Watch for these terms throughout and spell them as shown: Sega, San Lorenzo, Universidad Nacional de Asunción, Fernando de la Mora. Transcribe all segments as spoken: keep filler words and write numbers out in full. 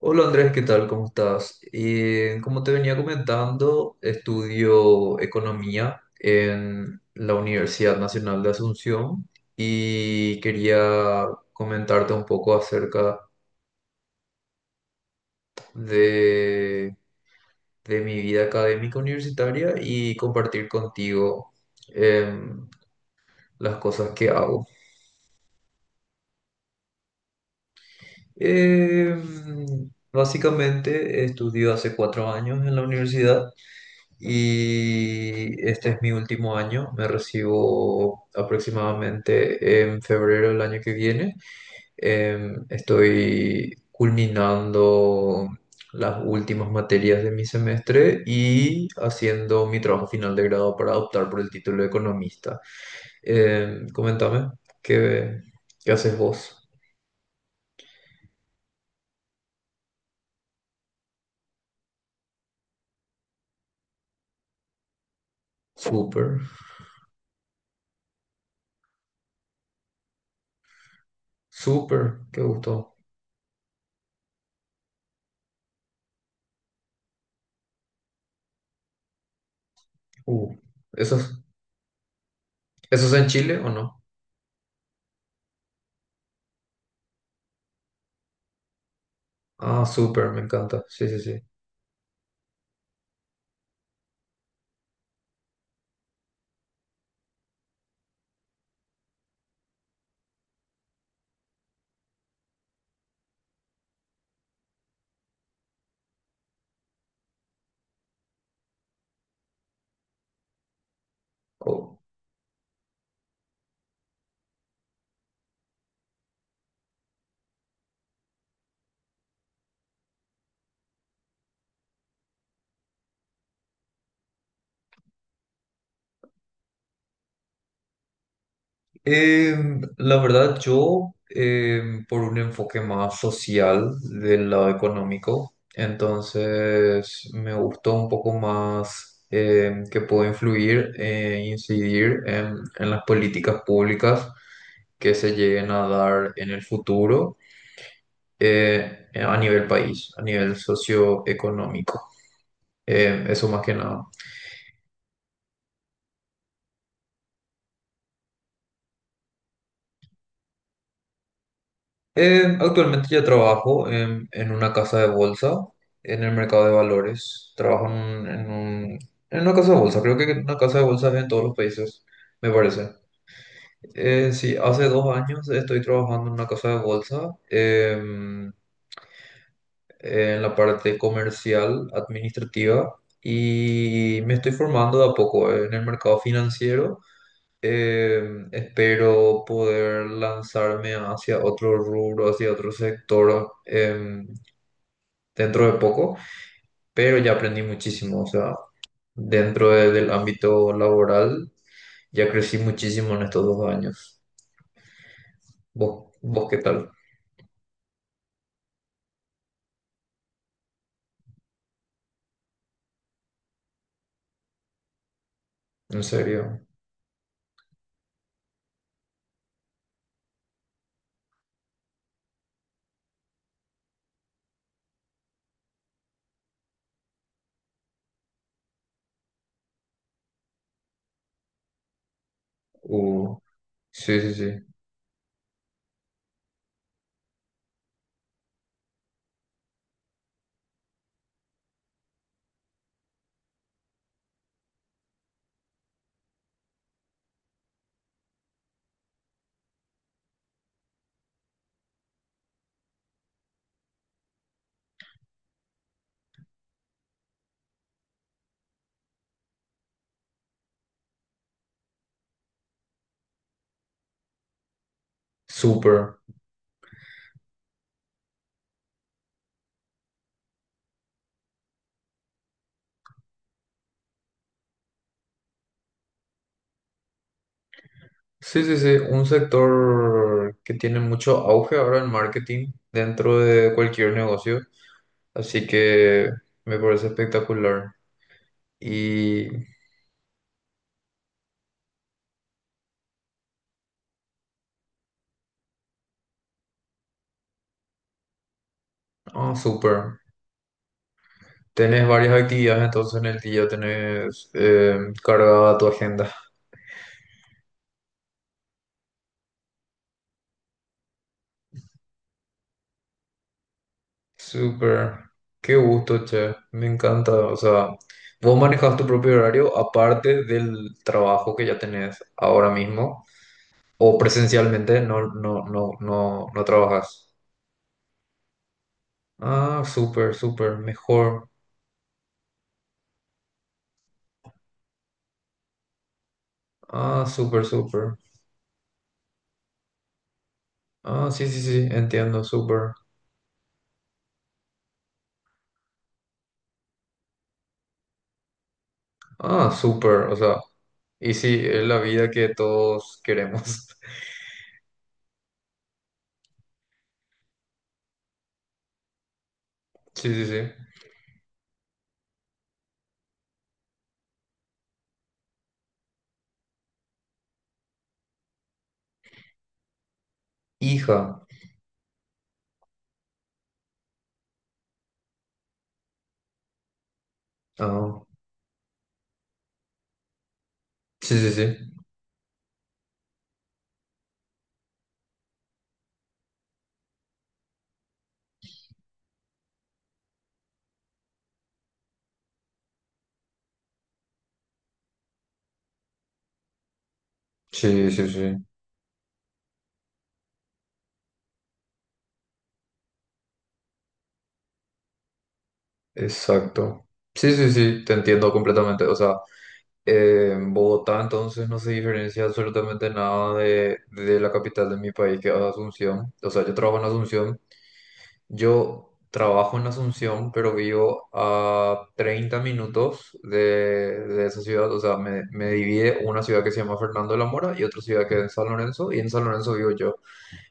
Hola Andrés, ¿qué tal? ¿Cómo estás? Eh, como te venía comentando, estudio economía en la Universidad Nacional de Asunción y quería comentarte un poco acerca de, de mi vida académica universitaria y compartir contigo em, las cosas que hago. Em, básicamente estudio hace cuatro años en la universidad. Y este es mi último año, me recibo aproximadamente en febrero del año que viene. Em, estoy culminando las últimas materias de mi semestre y haciendo mi trabajo final de grado para optar por el título de economista. Em, comentame, ¿qué, ¿qué haces vos? Súper, súper, qué gusto. Uh, ¿eso es, eso es en Chile o no? Ah, súper, me encanta. Sí, sí, sí. Oh, em, la verdad, yo em, por un enfoque más social del lado económico, entonces me gustó un poco más em, que puedo influir e incidir en, en las políticas públicas que se lleguen a dar en el futuro eh, a nivel país, a nivel socioeconómico. Em, eso más que nada. Eh, actualmente yo trabajo en, en una casa de bolsa, en el mercado de valores. Trabajo en, un- en un- En una casa de bolsa, creo que una casa de bolsa es en todos los países, me parece. Eh, sí, hace dos años estoy trabajando en una casa de bolsa, em, en la parte comercial, administrativa, y me estoy formando de a poco en el mercado financiero. Em, espero poder lanzarme hacia otro rubro, hacia otro sector. Em, dentro de poco, pero ya aprendí muchísimo, o sea, dentro de- del ámbito laboral ya crecí muchísimo en estos dos años. ¿Vos, vos qué tal? ¿En serio? Uh, sí, sí, sí. Súper. Sí, sí, sí. Un sector que tiene mucho auge ahora en marketing dentro de cualquier negocio. Así que me parece espectacular. Y, ah, súper. Tenés varias actividades entonces en el día, tenés eh, cargada tu agenda. Súper, qué gusto, che, me encanta. O sea, vos manejas tu propio horario aparte del trabajo que ya tenés ahora mismo, o presencialmente no, no, no, no, no trabajas. Ah, súper, súper, mejor. Ah, súper, súper. Ah, sí, sí, sí, entiendo, súper. Ah, súper, o sea, y sí, es la vida que todos queremos. Sí, sí, sí. Hija. Ah, sí, sí, sí. Sí, sí, sí. Exacto. Sí, sí, sí, te entiendo completamente. O sea, eh, en Bogotá entonces no se diferencia absolutamente nada de, de la capital de mi país, que es Asunción. O sea, yo trabajo en Asunción. Yo trabajo en Asunción, pero vivo a treinta minutos de, de esa ciudad. O sea, me, me divide una ciudad que se llama Fernando de la Mora y otra ciudad que es en San Lorenzo. Y en San Lorenzo vivo yo.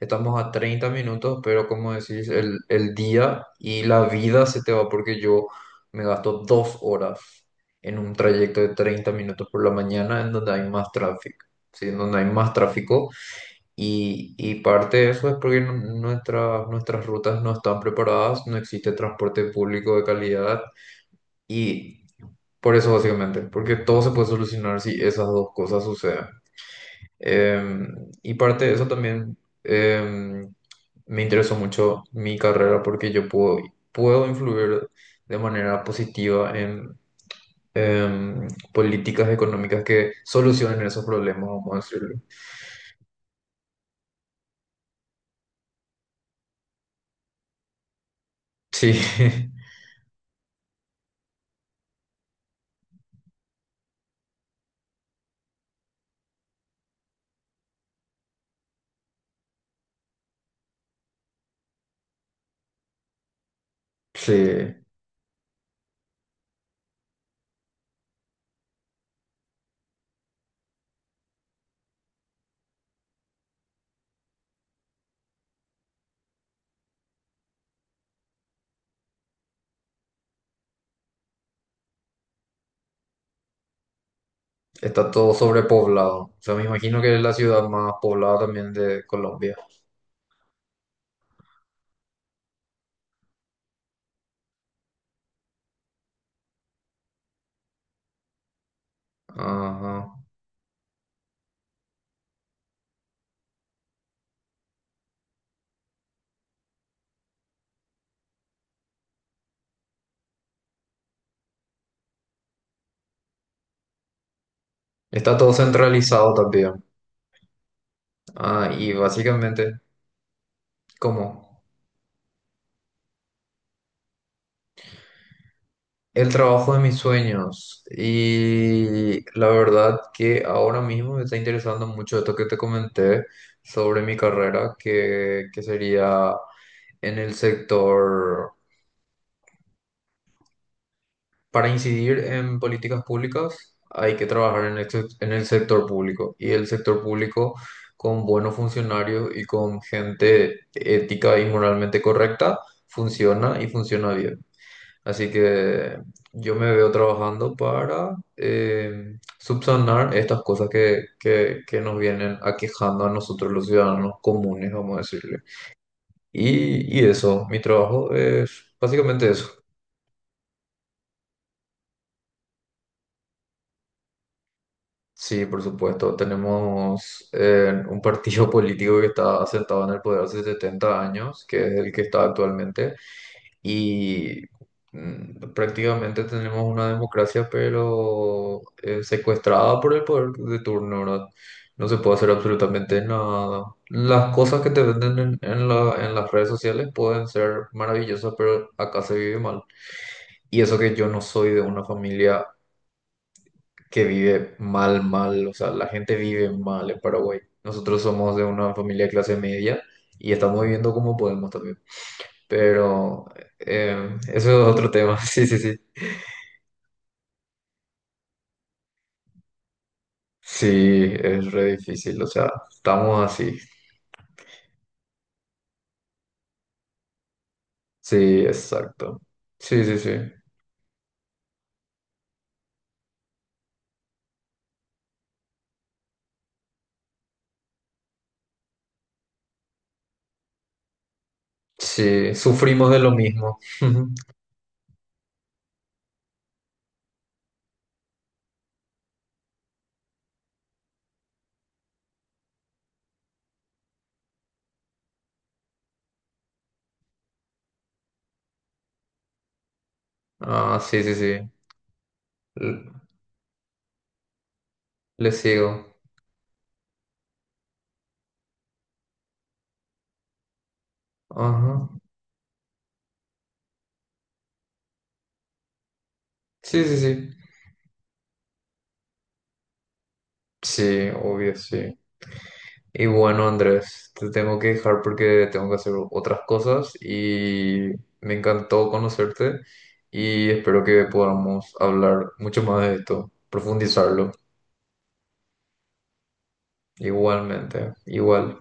Estamos a treinta minutos, pero como decís, el, el día y la vida se te va porque yo me gasto dos horas en un trayecto de treinta minutos por la mañana en donde hay más tráfico, ¿sí? En donde hay más tráfico. Y, y parte de eso es porque nu- nuestra- nuestras rutas no están preparadas, no existe transporte público de calidad y por eso básicamente, porque todo se puede solucionar si esas dos cosas suceden. Em, y parte de eso también em, me interesó mucho mi carrera porque yo puedo, puedo influir de manera positiva en em, políticas económicas que solucionen esos problemas, vamos a decirlo. Sí, sí, está todo sobrepoblado. O sea, me imagino que es la ciudad más poblada también de Colombia. Ajá. Está todo centralizado también. Ah, y básicamente, ¿cómo? El trabajo de mis sueños. Y la verdad que ahora mismo me está interesando mucho esto que te comenté sobre mi carrera, que, que sería en el sector, para incidir en políticas públicas, hay que trabajar en el, sec- en el sector público. Y el sector público con buenos funcionarios y con gente ética y moralmente correcta funciona y funciona bien. Así que yo me veo trabajando para eh, subsanar estas cosas que, que, que nos vienen aquejando a nosotros los ciudadanos comunes, vamos a decirle. Y, y eso, mi trabajo es básicamente eso. Sí, por supuesto. Tenemos eh, un partido político que está sentado en el poder hace setenta años, que es el que está actualmente, y mm, prácticamente tenemos una democracia, pero eh, secuestrada por el poder de turno, ¿verdad? No se puede hacer absolutamente nada. Las cosas que te venden en, en la- en las redes sociales pueden ser maravillosas, pero acá se vive mal. Y eso que yo no soy de una familia que vive mal, mal, o sea, la gente vive mal en Paraguay. Nosotros somos de una familia de clase media y estamos viviendo como podemos también. Pero eh, eso es otro tema, sí, sí, sí. Sí, es re difícil, o sea, estamos así. Sí, exacto. Sí, sí, sí. Sí, sufrimos de lo mismo. Ah, sí, sí, sí. L- Le sigo. Ajá. Sí, sí, sí. Sí, obvio, sí. Y bueno, Andrés, te tengo que dejar porque tengo que hacer otras cosas y me encantó conocerte y espero que podamos hablar mucho más de esto, profundizarlo. Igualmente, igual.